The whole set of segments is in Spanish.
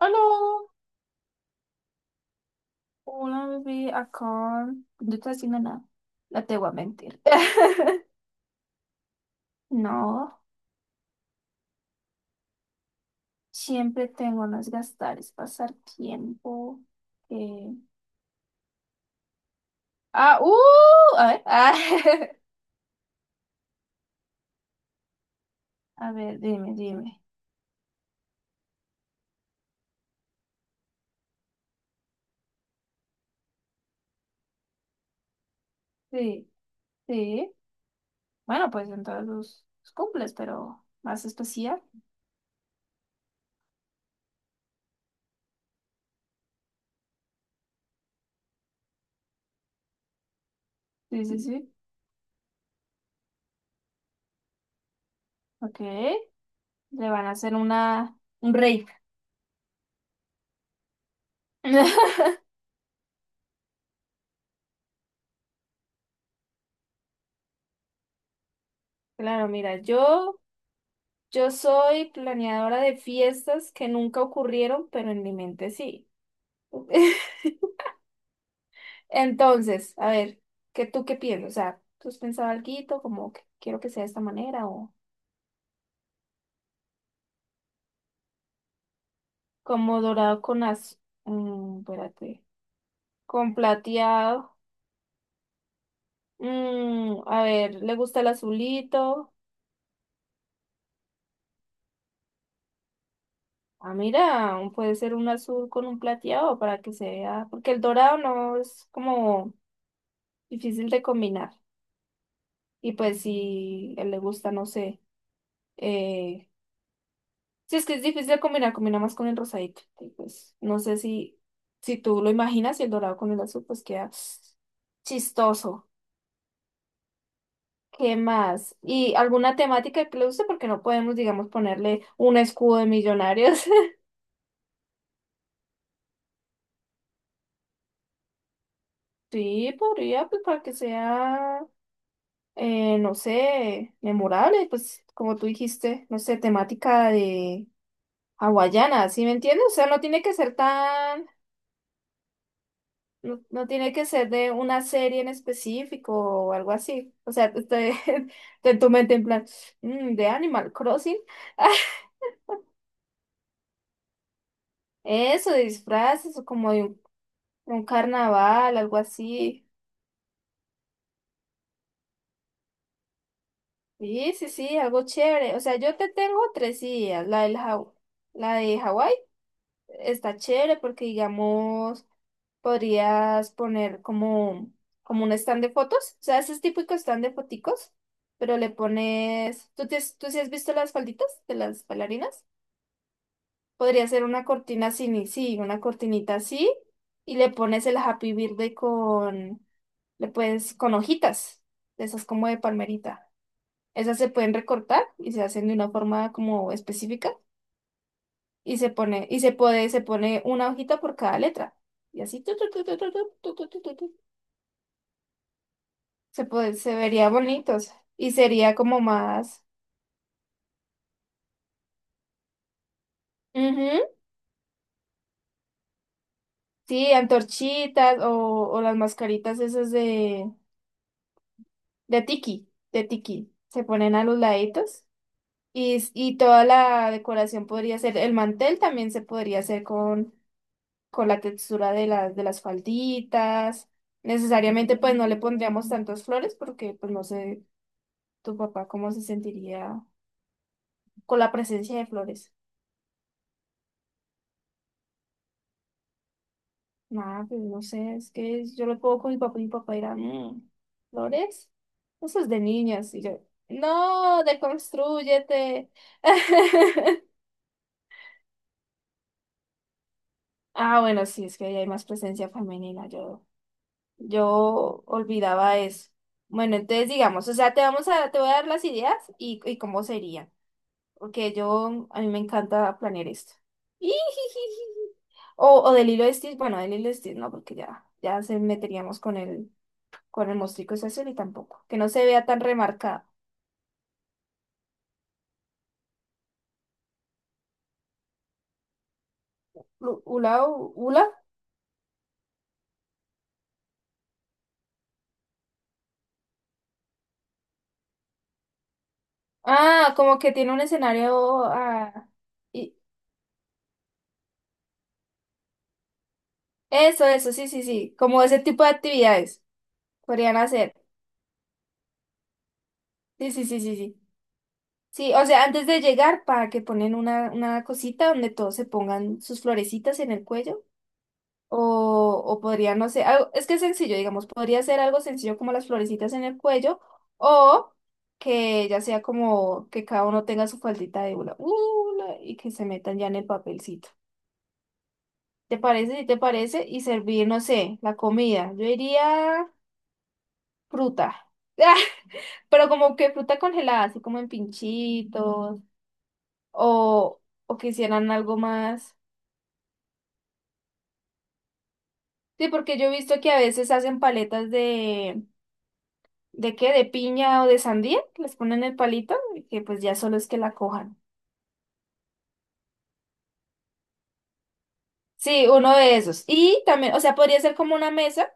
Aló, hola bebé, acá no estoy haciendo nada, no te voy a mentir. No, siempre tengo unos gastares, pasar tiempo. eh, Ah, a ver, ah, a ver, dime, dime. Sí, sí. Bueno, pues en todos los cumples, pero más especial. Sí, sí, sí. Ok, le van a hacer una, un rave. Claro, mira, yo. Yo soy planeadora de fiestas que nunca ocurrieron, pero en mi mente sí. Entonces, a ver, ¿qué tú qué piensas? O sea, ¿tú has pensado algo como que quiero que sea de esta manera o como dorado con azul? Espérate, con plateado. Mm, a ver, ¿le gusta el azulito? Ah, mira, un- puede ser un azul con un plateado para que se vea, porque el dorado no es como difícil de combinar. Y pues si a él le gusta, no sé. Eh, sí, es que es difícil de combinar, combina más con el rosadito. Y pues no sé si tú lo imaginas y el dorado con el azul, pues queda chistoso. ¿Qué más? ¿Y alguna temática que le guste? Porque no podemos, digamos, ponerle un escudo de millonarios. Sí, podría, pues para que sea, no sé, memorable, pues como tú dijiste, no sé, temática de hawaiana, ¿sí me entiendes? O sea, no tiene que ser tan. No, no tiene que ser de una serie en específico o algo así. O sea, estoy, en tu mente en plan, "Mm, de Animal Crossing". Eso, de disfraces o como de un carnaval, algo así. Sí, sí, sí, algo chévere. O sea, yo te tengo tres ideas. La del Haw- la de Hawái está chévere porque digamos, podrías poner como, como un stand de fotos, o sea, ese es típico stand de foticos, pero le pones, ¿tú, te, has- tú sí has visto las falditas de las bailarinas? Podría ser una cortina así, ni- sí, una cortinita así, y le pones el Happy Birthday con, le puedes, con hojitas, de esas como de palmerita. Esas se pueden recortar y se hacen de una forma como específica y se pone, y se puede, se pone una hojita por cada letra. Y así, tu, tu, tu, tu, tu, tu, tu, tu, tu, tu, tu. Se puede, se vería bonitos y sería como más, ujú. Sí, antorchitas o las mascaritas esas de tiki, de tiki. Se ponen a los laditos y, s- y toda la decoración podría ser, el mantel también se podría hacer con la textura de las falditas. Necesariamente pues no le pondríamos tantas flores porque pues no sé tu papá cómo se sentiría con la presencia de flores. Nada, pues no sé, es que yo lo puedo con mi papá y mi papá dirá, "Mm, ¿flores? Eso es de niñas". Y yo, no, deconstrúyete. Ah, bueno, sí, es que ahí hay más presencia femenina. Yo olvidaba eso. Bueno, entonces digamos, o sea, te vamos a, te voy a dar las ideas y cómo serían. Porque yo, a mí me encanta planear esto. O, o del hilo de Stitch, bueno, del hilo de Stitch no, porque ya, ya se meteríamos con él, con el mostrico es azul y tampoco. Que no se vea tan remarcado. Lu- ¿Ula? U- ¿Ula? Ah, como que tiene un escenario. Ah, y eso, sí, sí, sí. Como ese tipo de actividades podrían hacer. Sí, sí, sí, sí, sí. Sí, o sea, antes de llegar, para que ponen una cosita donde todos se pongan sus florecitas en el cuello. O podría, no sé, algo- es que es sencillo, digamos, podría ser algo sencillo como las florecitas en el cuello o que ya sea como que cada uno tenga su faldita de hula, hula, y que se metan ya en el papelcito. ¿Te parece? ¿Sí? ¿Te parece? Y servir, no sé, la comida. Yo diría fruta. Ah, pero como que fruta congelada, así como en pinchitos o, o que hicieran algo más. Sí, porque yo he visto que a veces hacen paletas de. ¿De qué? ¿De piña o de sandía? Que les ponen el palito y que pues ya solo es que la cojan. Sí, uno de esos. Y también, o sea, podría ser como una mesa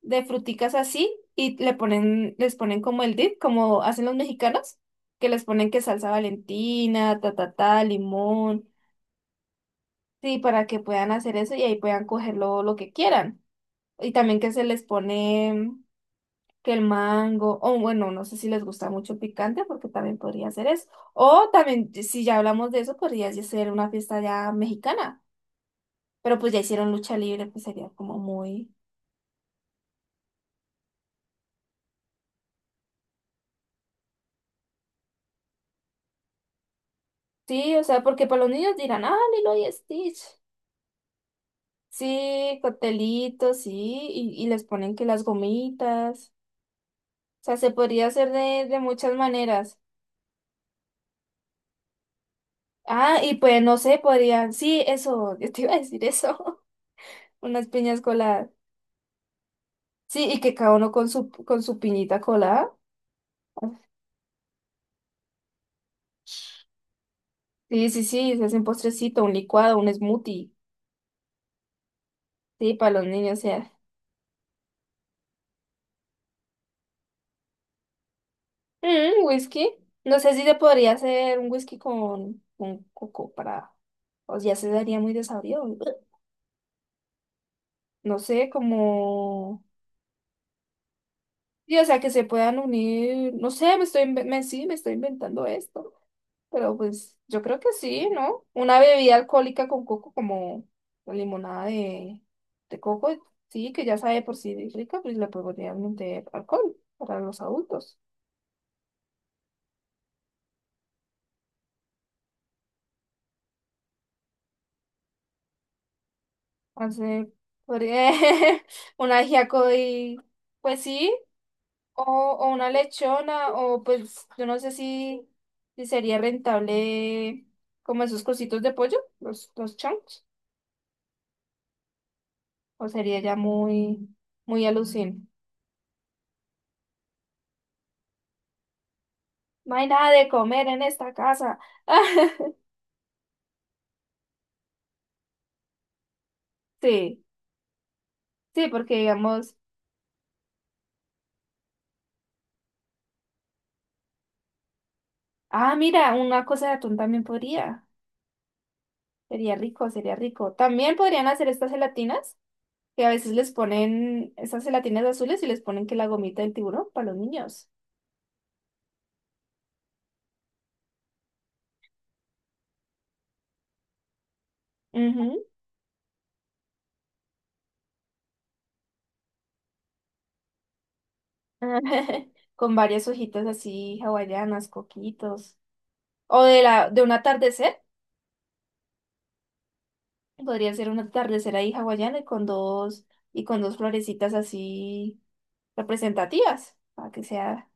de fruticas así y le ponen, les ponen como el dip, como hacen los mexicanos, que les ponen que salsa Valentina, ta ta ta, limón. Sí, para que puedan hacer eso y ahí puedan coger lo que quieran. Y también que se les pone que el mango, o bueno, no sé si les gusta mucho el picante, porque también podría ser eso. O también, si ya hablamos de eso, podría ya ser una fiesta ya mexicana, pero pues ya hicieron lucha libre, pues sería como muy... Sí, o sea, porque para los niños dirán, ah, Lilo y Stitch. Sí, coctelitos, sí, y les ponen que las gomitas. O sea, se podría hacer de muchas maneras. Ah, y pues no sé, podrían, sí, eso, yo te iba a decir eso, unas piñas coladas. Sí, y que cada uno con su piñita colada. Sí, sí, sí, se hace un postrecito, un licuado, un smoothie, sí, para los niños, o sea. Mm, whisky. No sé si se podría hacer un whisky con coco para... O ya se daría muy desabrido. No sé, como... Sí, o sea, que se puedan unir. No sé, me estoy, inve- me, sí, me estoy inventando esto. Pero pues yo creo que sí, ¿no? Una bebida alcohólica con coco como limonada de coco, sí, que ya sabe por sí rica, pues le podrían meter alcohol para los adultos. Hacer podría- un ajiaco y pues sí, o, o una lechona, o pues yo no sé si, si sería rentable como esos cositos de pollo, los chunks, o sería ya muy, muy alucin. No hay nada de comer en esta casa. Sí, sí, porque digamos, ah, mira, una cosa de atún también podría, sería rico, sería rico. También podrían hacer estas gelatinas, que a veces les ponen esas gelatinas azules y les ponen que la gomita del tiburón para los niños. Ujú. Con varias hojitas así hawaianas, coquitos. O de la, de un atardecer. Podría ser un atardecer ahí hawaiano y con dos florecitas así representativas, para que sea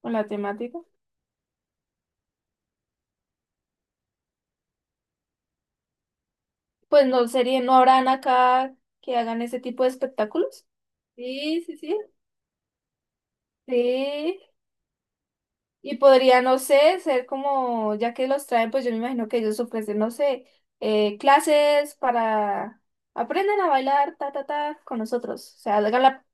con la temática. Pues no sería, no habrán acá que hagan ese tipo de espectáculos. Sí, sí, sí. Sí. Y podría, no sé, ser como, ya que los traen, pues yo me imagino que ellos ofrecen, no sé, clases para aprendan a bailar, ta, ta, ta, con nosotros. O sea, hagan la...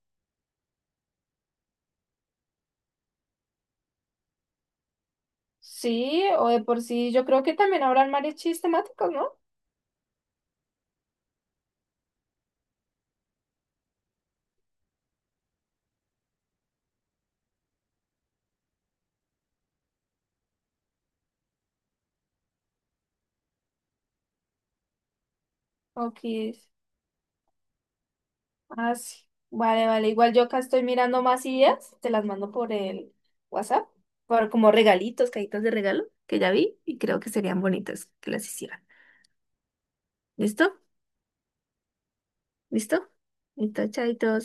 Sí, o de por sí, yo creo que también habrán mariachis temáticos, ¿no? Ok. Ah, sí. Vale, vale. Igual yo acá estoy mirando más ideas, te las mando por el WhatsApp, por como regalitos, cajitas de regalo que ya vi y creo que serían bonitas que las hicieran. ¿Listo? ¿Listo? Listo, chaitos.